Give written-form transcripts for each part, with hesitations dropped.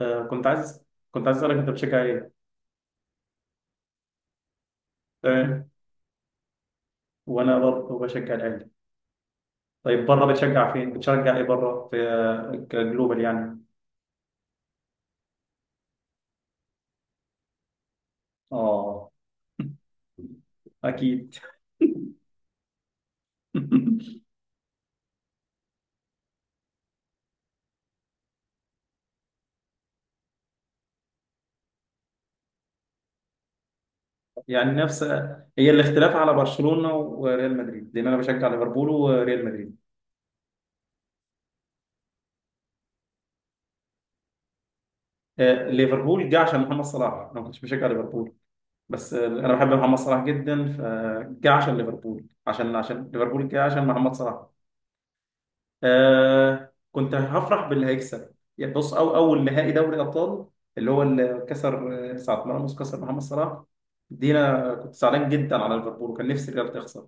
آه كنت عايز كنت عايز اسالك، انت بتشجع ايه؟ تمام. وانا برضه بشجع الاهلي. طيب بره بتشجع فين؟ بتشجع ايه بره في كجلوبال يعني؟ اه. اكيد. يعني نفس. هي الاختلاف على برشلونة وريال مدريد، لان انا بشجع ليفربول وريال مدريد. ليفربول جه عشان محمد صلاح، انا ما كنتش بشجع ليفربول. بس انا بحب محمد صلاح جدا، فجه عشان ليفربول، عشان ليفربول جه عشان محمد صلاح. كنت هفرح باللي هيكسب، يعني بص، أو أول نهائي دوري أبطال، اللي هو اللي كسر ساعة ما راموس كسر محمد صلاح، دي أنا كنت زعلان جدا على ليفربول وكان نفسي الريال تخسر.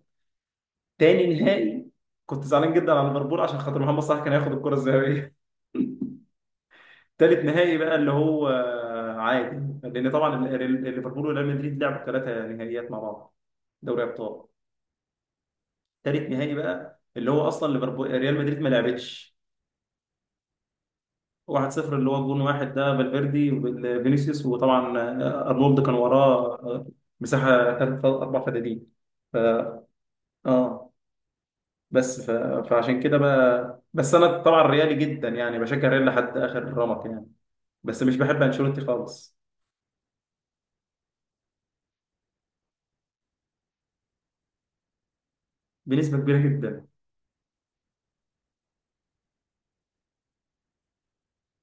تاني نهائي، كنت زعلان جدا على ليفربول عشان خاطر محمد صلاح كان هياخد الكرة الذهبية. تالت نهائي بقى اللي هو عادي، لأن طبعا ليفربول وريال مدريد لعبوا ثلاثة نهائيات مع بعض، دوري أبطال. تالت نهائي بقى اللي هو أصلا ليفربول ريال مدريد ما لعبتش. 1-0 اللي هو جون واحد ده، فالفيردي وفينيسيوس، وطبعا ارنولد كان وراه مساحه ثلاث اربع فدادين. ف اه. بس فعشان كده بقى، بس انا طبعا ريالي جدا، يعني بشجع ريال لحد اخر رمق يعني. بس مش بحب انشيلوتي خالص. بنسبه كبيره جدا.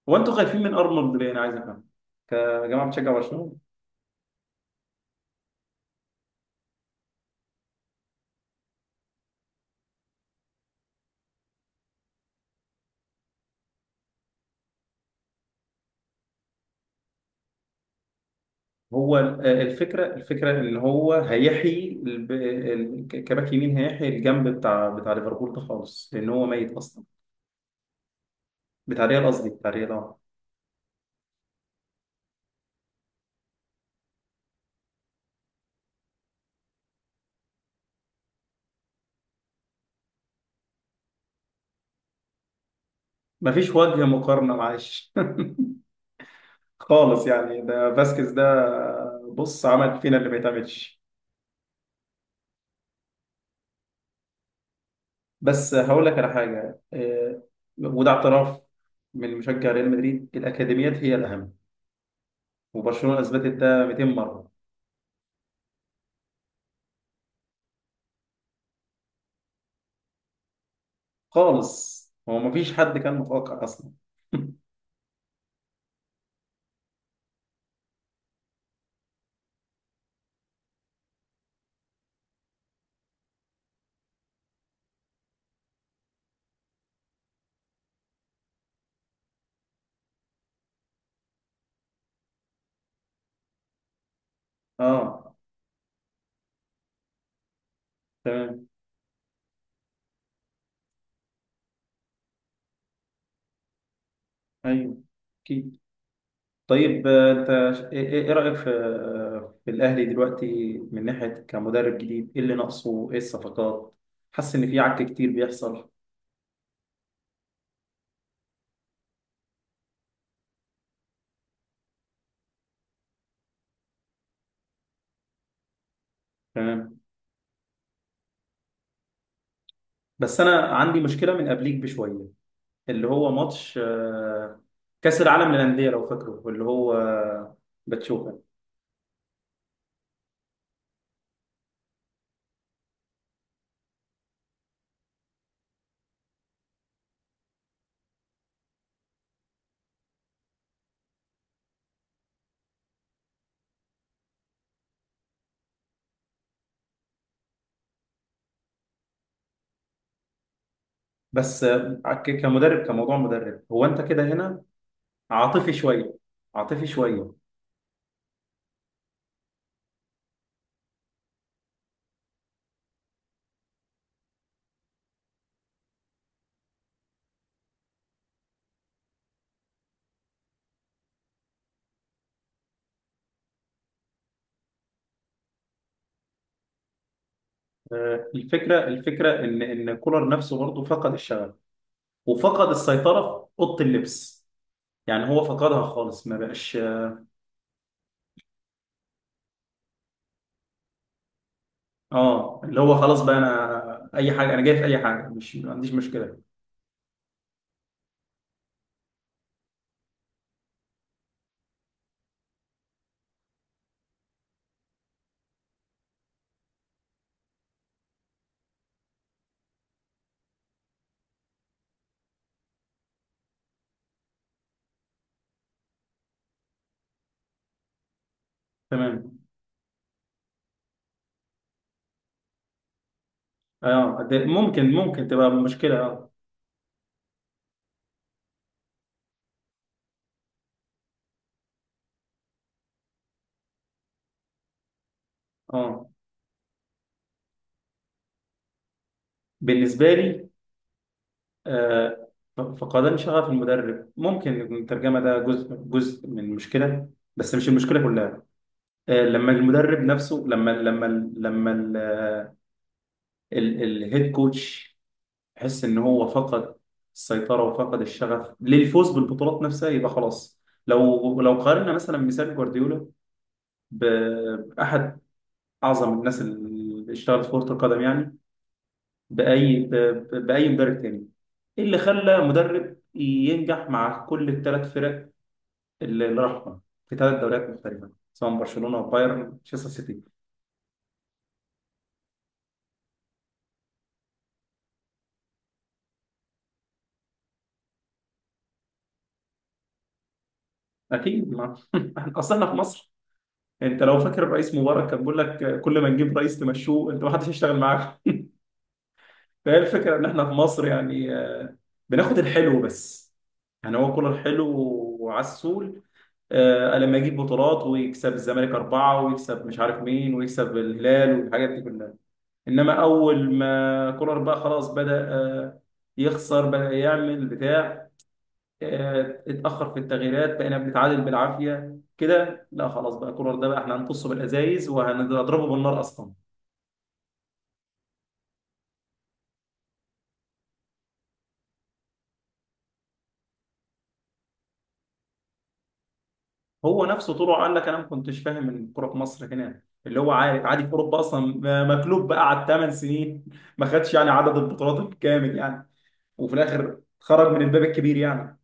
هو انتوا خايفين من ارنولد ليه، انا عايز افهم، كجماعه بتشجع برشلونه. هو الفكره ان هو هيحيي كباك يمين، هيحيي الجنب بتاع ليفربول ده خالص، لان هو ميت اصلا. بتاع ريال، قصدي بتاع ريال اه. مفيش وجه مقارنة معلش. خالص يعني، ده فاسكيز ده بص عمل فينا اللي ما يتعملش. بس هقول لك على حاجة، وده اعتراف من مشجع ريال مدريد، الأكاديميات هي الأهم، وبرشلونة أثبتت ده 200 مرة. خالص، هو مفيش حد كان متوقع أصلا. اه، تمام. ايوه، اكيد. طيب انت إيه رأيك في في الاهلي دلوقتي، من ناحية كمدرب جديد، ايه اللي ناقصه، ايه الصفقات؟ حاسس ان في عك كتير بيحصل. تمام. بس انا عندي مشكلة من قبليك بشوية، اللي هو ماتش كأس العالم للأندية لو فاكره، اللي هو باتشوكا. بس كمدرب، كموضوع مدرب، هو انت كده هنا. عاطفي شوية. عاطفي شوية. الفكرة ان كولر نفسه برضه فقد الشغف، وفقد السيطرة في أوضة اللبس. يعني هو فقدها خالص، ما بقاش. اه، اللي هو خلاص بقى، انا اي حاجه، انا جاي في اي حاجه، مش ما عنديش مشكله. تمام. اه، ده ممكن تبقى مشكله اه. اه، بالنسبه لي، آه فقدان شغف المدرب ممكن يكون الترجمه ده جزء من المشكله، بس مش المشكله كلها. لما المدرب نفسه، لما لما الهيد كوتش تحس ان هو فقد السيطره، وفقد الشغف للفوز بالبطولات نفسها، يبقى خلاص. لو قارنا مثلا مثال جوارديولا باحد اعظم الناس اللي اشتغلت في كره القدم، يعني باي ب- باي مدرب تاني. إيه اللي خلى مدرب ينجح مع كل الثلاث فرق اللي راحهم في ثلاث دوريات مختلفه، سواء برشلونه وبايرن مانشستر سيتي. اكيد ما. اصل احنا في مصر، انت لو فاكر الرئيس مبارك كان بيقول لك كل ما نجيب رئيس تمشوه، انت ما حدش يشتغل معاك. فهي الفكرة إن إحنا في مصر يعني، بناخد الحلو بس. يعني هو كل الحلو وعسول، لما يجيب بطولات ويكسب الزمالك أربعة ويكسب مش عارف مين ويكسب الهلال والحاجات دي كلها. إنما أول ما كولر بقى خلاص بدأ يخسر، بدأ يعمل بتاع، اتأخر في التغييرات، بقينا بنتعادل بالعافية كده، لا خلاص بقى كولر ده بقى إحنا هنقصه بالأزايز وهنضربه بالنار أصلا. هو نفسه طلع قال لك انا ما كنتش فاهم الكوره في مصر هنا اللي هو، عارف عادي، في اوروبا اصلا مكلوب بقى على 8 سنين. ما خدش يعني عدد البطولات الكامل يعني، وفي الاخر خرج من الباب الكبير يعني.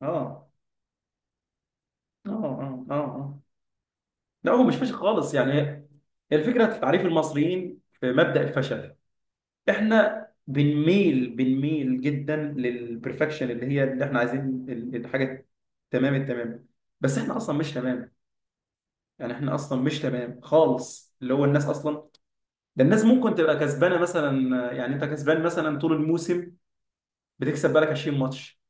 اه، اه، اه. اه، اه. لا، هو مش فاشل خالص يعني، هي الفكره في تعريف المصريين في مبدأ الفشل. احنا بنميل، جدا للبرفكشن اللي هي اللي احنا عايزين، الحاجه تمام التمام، بس احنا اصلا مش تمام. يعني احنا اصلا مش تمام خالص، اللي هو الناس اصلا، ده الناس ممكن تبقى كسبانه مثلا، يعني انت كسبان مثلا طول الموسم، بتكسب بالك 20 ماتش،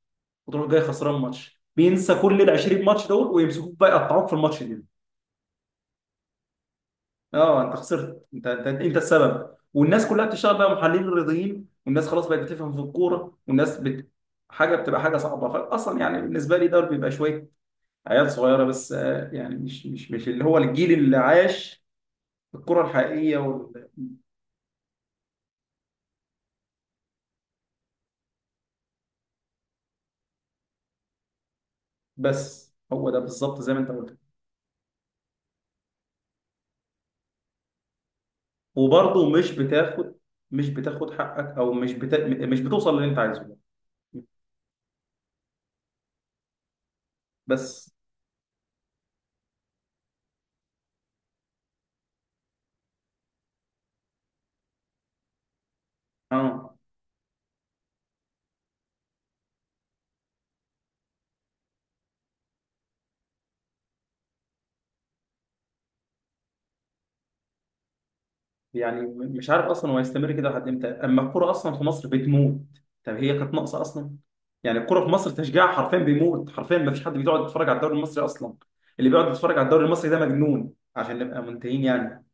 وتروح جاي خسران ماتش، بينسى كل ال 20 ماتش دول، ويمسكوك بقى يقطعوك في الماتش ده. اه، انت خسرت، انت السبب، والناس كلها بتشتغل بقى محللين رياضيين، والناس خلاص بقت بتفهم في الكوره، والناس حاجه بتبقى حاجه صعبه، فاصلا يعني بالنسبه لي ده بيبقى شويه عيال صغيره بس، يعني مش مش اللي هو الجيل اللي عاش الكره الحقيقيه. بس هو ده بالظبط زي ما انت قلت، وبرضه مش بتاخد، مش بتاخد حقك، او مش بتوصل للي انت عايزه، بس. اه يعني مش عارف اصلا هو هيستمر كده لحد امتى، اما الكرة اصلا في مصر بتموت. طب هي كانت ناقصة اصلا. يعني الكرة في مصر تشجيعها حرفيا بيموت، حرفيا ما فيش حد بيقعد يتفرج على الدوري المصري اصلا. اللي بيقعد يتفرج على الدوري المصري ده مجنون، عشان نبقى منتهين يعني.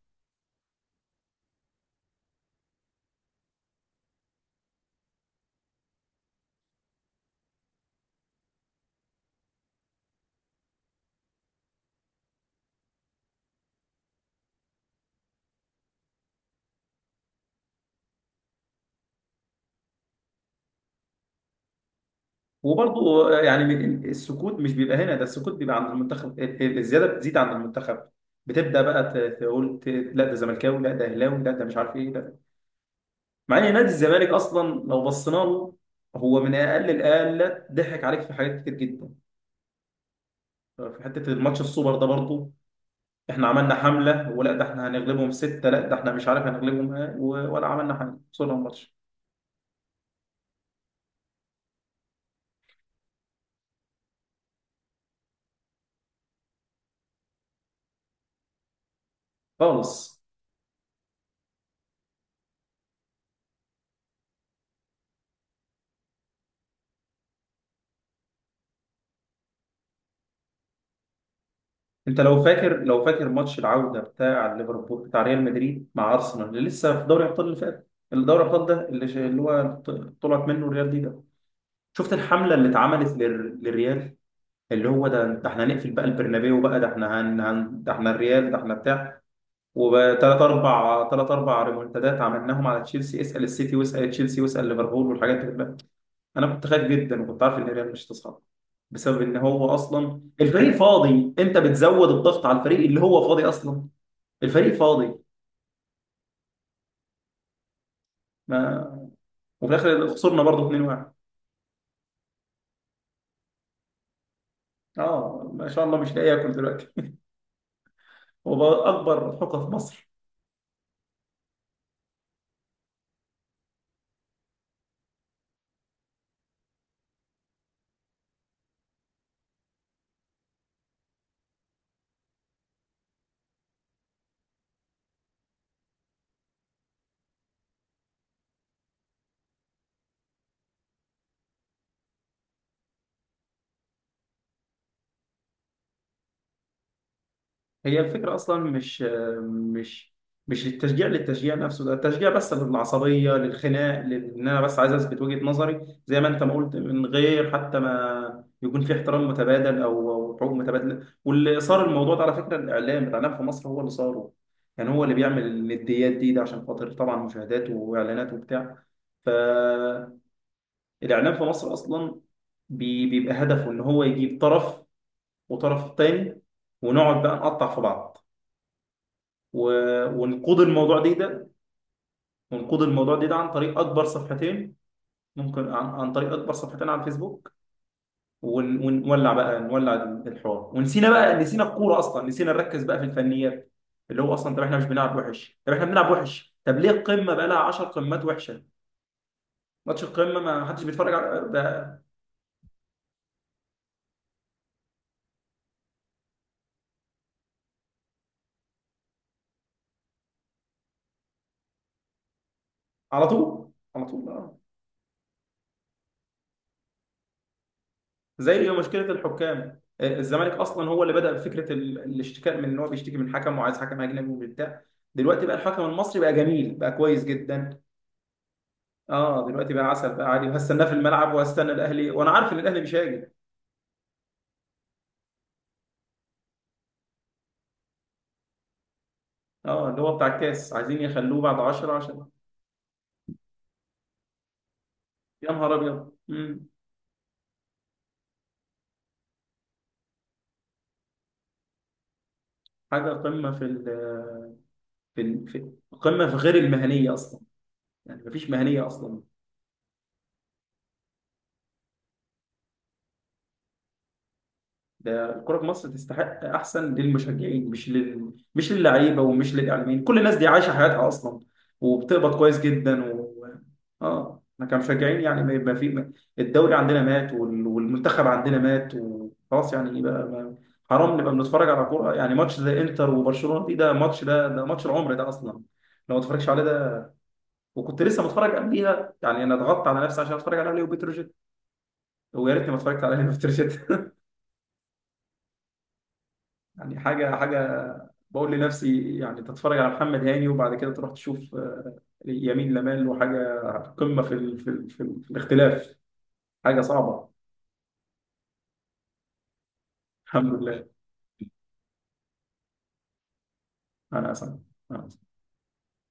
وبرضو يعني السكوت مش بيبقى هنا، ده السكوت بيبقى عند المنتخب، الزياده بتزيد عند المنتخب، بتبدا بقى تقول لا ده زملكاوي، لا ده اهلاوي، لا ده مش عارف ايه، لا. مع ان نادي الزمالك اصلا لو بصينا له، هو من اقل الاقل ضحك عليك في حاجات كتير جدا. في حته الماتش السوبر ده برضو، احنا عملنا حمله، ولا ده احنا هنغلبهم سته، لا ده احنا مش عارف هنغلبهم إيه، ولا عملنا حاجه، خسرنا الماتش. خالص. انت لو فاكر، ماتش العوده بتاع ليفربول بتاع ريال مدريد مع ارسنال، اللي لسه في دوري ابطال، اللي فات الدوري الابطال ده، اللي اللي هو طلعت منه الريال دي ده، شفت الحمله اللي اتعملت للريال؟ اللي هو ده احنا هنقفل بقى البرنابيو بقى، ده احنا ده احنا الريال، ده احنا بتاع، وثلاث اربع ثلاث اربع ريمونتادات عملناهم على تشيلسي، اسال السيتي، واسال تشيلسي، واسال ليفربول، والحاجات دي كلها. انا كنت خايف جدا، وكنت عارف ان الريال مش هتصعد، بسبب ان هو اصلا الفريق فاضي. انت بتزود الضغط على الفريق اللي هو فاضي اصلا، الفريق فاضي. ما، وفي الاخر خسرنا برضه 2-1. اه، ما شاء الله، مش لاقي اكل دلوقتي. هو بقى اكبر حقوق في مصر. هي الفكرة أصلا مش، مش التشجيع للتشجيع نفسه، ده التشجيع بس للعصبية، للخناق، إن أنا بس عايز أثبت وجهة نظري زي ما أنت ما قلت، من غير حتى ما يكون في احترام متبادل، أو حقوق متبادلة. واللي صار الموضوع ده على فكرة، الإعلام، في مصر هو اللي صاره. يعني هو اللي بيعمل النديات دي ده، عشان خاطر طبعا مشاهدات وإعلانات وبتاع. فالإعلام في مصر أصلا بيبقى هدفه إن هو يجيب طرف وطرف تاني، ونقعد بقى نقطع في بعض، ونقود الموضوع دي ده، ونقود الموضوع دي ده عن طريق اكبر صفحتين، ممكن عن طريق اكبر صفحتين على الفيسبوك. ونولع بقى، نولع الحوار، ونسينا بقى، نسينا الكوره اصلا، نسينا نركز بقى في الفنيات، اللي هو اصلا، طب احنا مش بنلعب وحش، طب احنا بنلعب وحش، طب ليه القمه بقى لها 10 قمات وحشه؟ ماتش القمه ما حدش بيتفرج على ده. على طول، على طول. آه. زي مشكله الحكام، الزمالك اصلا هو اللي بدا بفكره الاشتكاء، من ان هو بيشتكي من حكم وعايز حكم اجنبي وبتاع. دلوقتي بقى الحكم المصري بقى جميل، بقى كويس جدا. اه دلوقتي بقى عسل، بقى عادي، وهستناه في الملعب، وهستنى الاهلي، وانا عارف ان الاهلي مش هاجي. اه اللي هو بتاع الكاس عايزين يخلوه بعد 10 عشان. يا نهار ابيض. مم. حاجه قمه في ال في ال- في قمه في غير المهنيه اصلا، يعني مفيش مهنيه اصلا. ده الكرة في مصر تستحق أحسن للمشجعين، مش للعيبة ومش للإعلاميين. كل الناس دي عايشة حياتها أصلا، وبتقبض كويس جدا. إحنا كمشجعين يعني، ما يبقى في الدوري عندنا مات، والمنتخب عندنا مات، وخلاص يعني بقى ما... حرام نبقى بنتفرج على كورة، يعني ماتش زي إنتر وبرشلونة دي، ده ماتش ده ماتش العمر ده، أصلا لو ما اتفرجش عليه ده، وكنت لسه متفرج قبليها، يعني انا ضغطت على نفسي عشان اتفرج على ليو بتروجيت، ويا ريتني ما اتفرجت على ليو بتروجيت، يعني حاجه بقول لنفسي يعني تتفرج على محمد هاني، وبعد كده تروح تشوف يمين لمال، وحاجه قمه في الاختلاف، حاجه صعبه. الحمد لله. انا اسف.